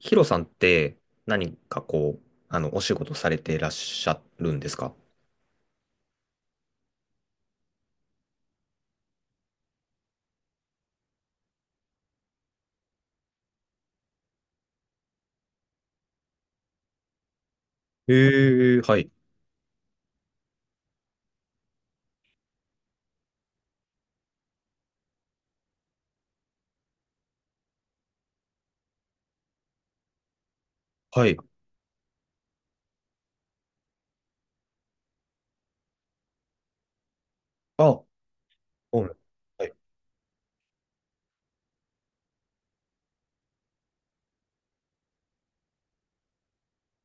ヒロさんって何かこう、あの、お仕事されていらっしゃるんですか？ええ、はい、はい。あ、うん、はい、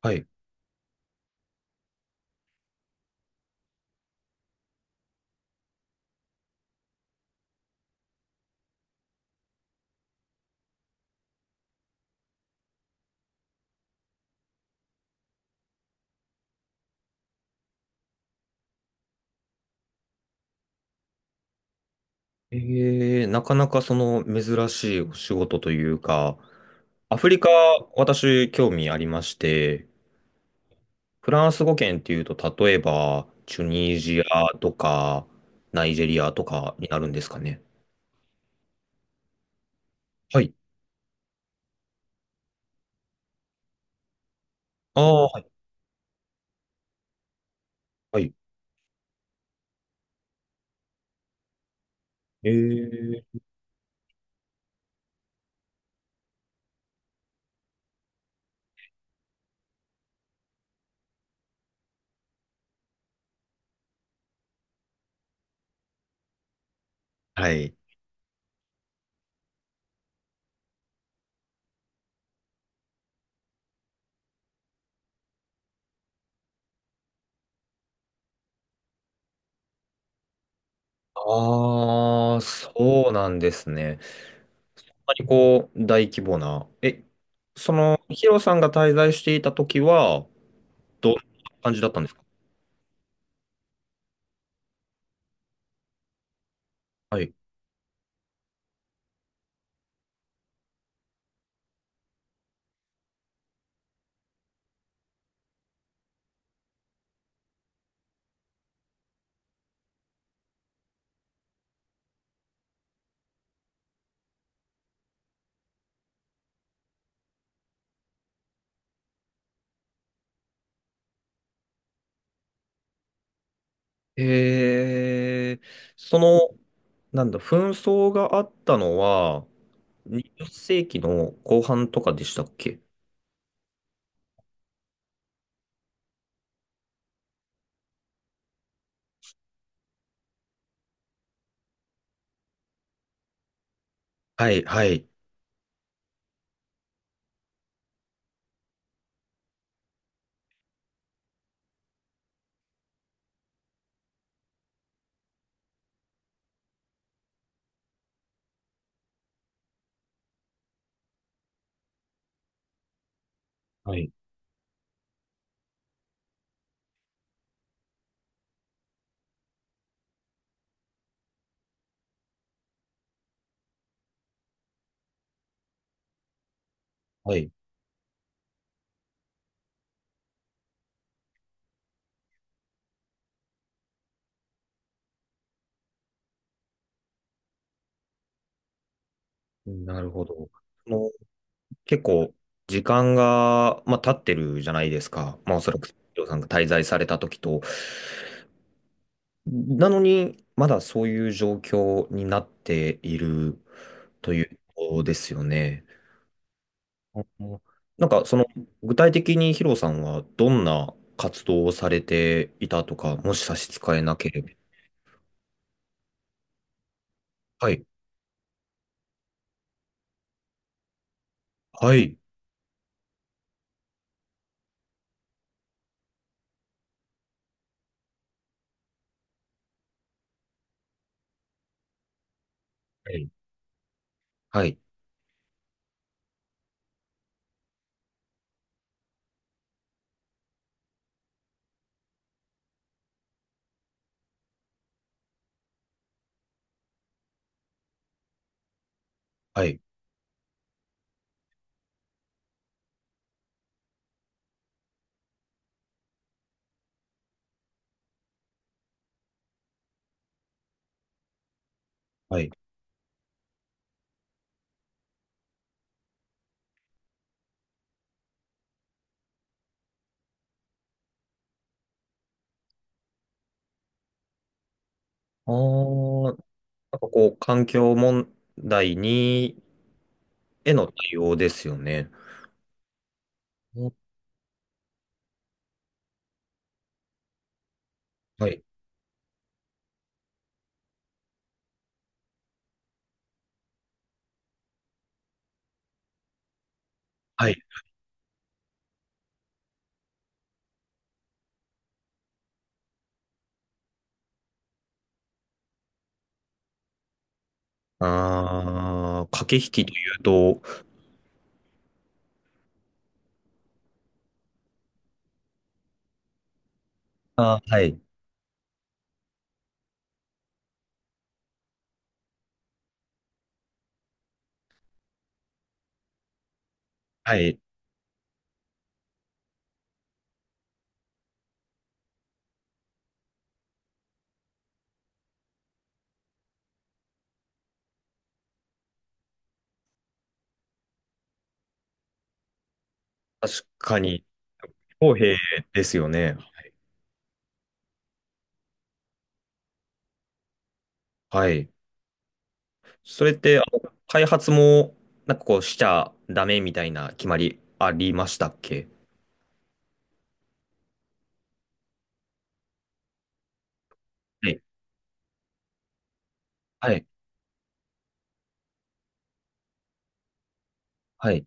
はい。ええ、なかなかその珍しいお仕事というか、アフリカ、私、興味ありまして、フランス語圏っていうと、例えば、チュニジアとか、ナイジェリアとかになるんですかね。はい。ああ、はい、はい。ええ。はい。ああ、そうなんですね。まりこう、大規模な、え、その、ヒロさんが滞在していた時は、どんな感じだったんですか？はい。えー、その、なんだ、紛争があったのは、20世紀の後半とかでしたっけ？はい、はい。はい、はい。なるほど。その結構、時間が、まあ、経ってるじゃないですか。まあ、おそらく、ヒロさんが滞在された時と。なのに、まだそういう状況になっているということですよね。うん、なんか、その、具体的にヒロさんはどんな活動をされていたとか、もし差し支えなければ。はい。はい。はい。はい。はい。はい。あー、なんかこう、環境問題に、への対応ですよね。お、はい。はい。ああ、駆け引きというと、あー、はい。はい。確かに公平ですよね。はい。それって、あの開発も、なんかこう、しちゃダメみたいな決まりありましたっけ？はい。はい。はい。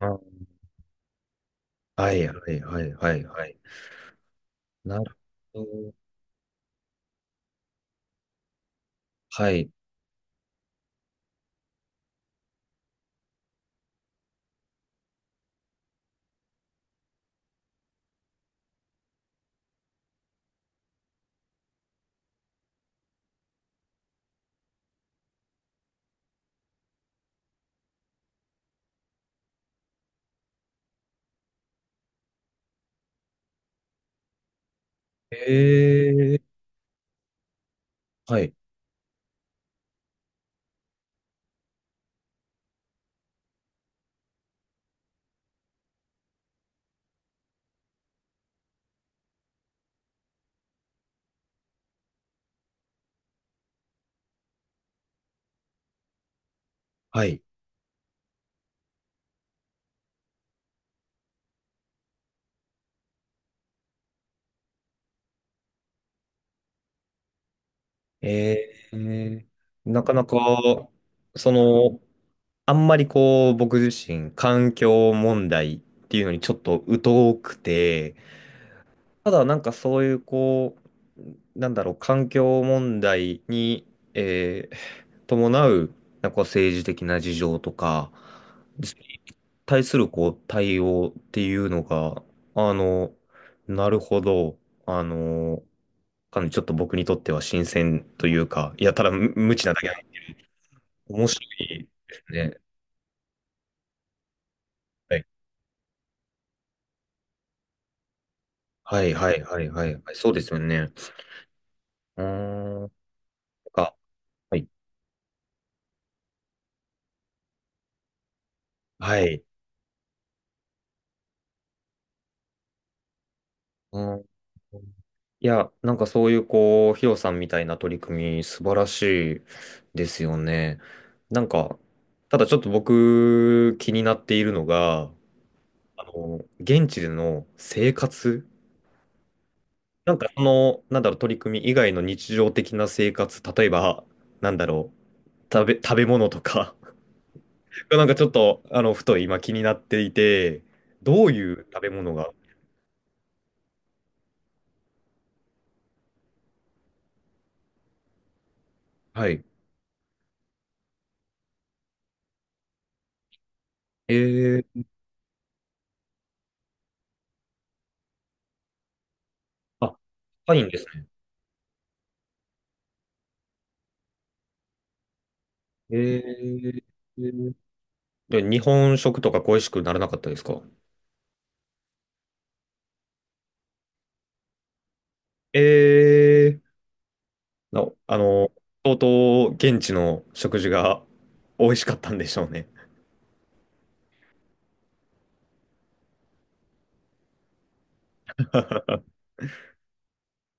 あ、はい。はい。はい。はい。はい。なるほど。はい。えー。はい。はい。えー。なかなか、その、あんまりこう、僕自身、環境問題っていうのにちょっと疎くて、ただなんかそういうこう、なんだろう、環境問題に、えー伴う、なんかこう政治的な事情とか、対するこう対応っていうのが、あの、なるほど、あの、かなりちょっと僕にとっては新鮮というか、いや、ただ無無知なだけで面白いですね。はいはいはいはいはいはい、そうですよね。うーん、なんか、はい。はい。うん、いや、なんかそういうこう、ヒロさんみたいな取り組み素晴らしいですよね。なんか、ただちょっと僕気になっているのが、あの、現地での生活、なんかその、なんだろう、取り組み以外の日常的な生活、例えば、なんだろう、食べ、食べ物とか なんかちょっと、あの、ふと今気になっていて、どういう食べ物が、はい。えー、あ、高いんですね。えーで日本食とか恋しくならなかったですか？えー、なあの、相当現地の食事が美味しかったんでしょうね。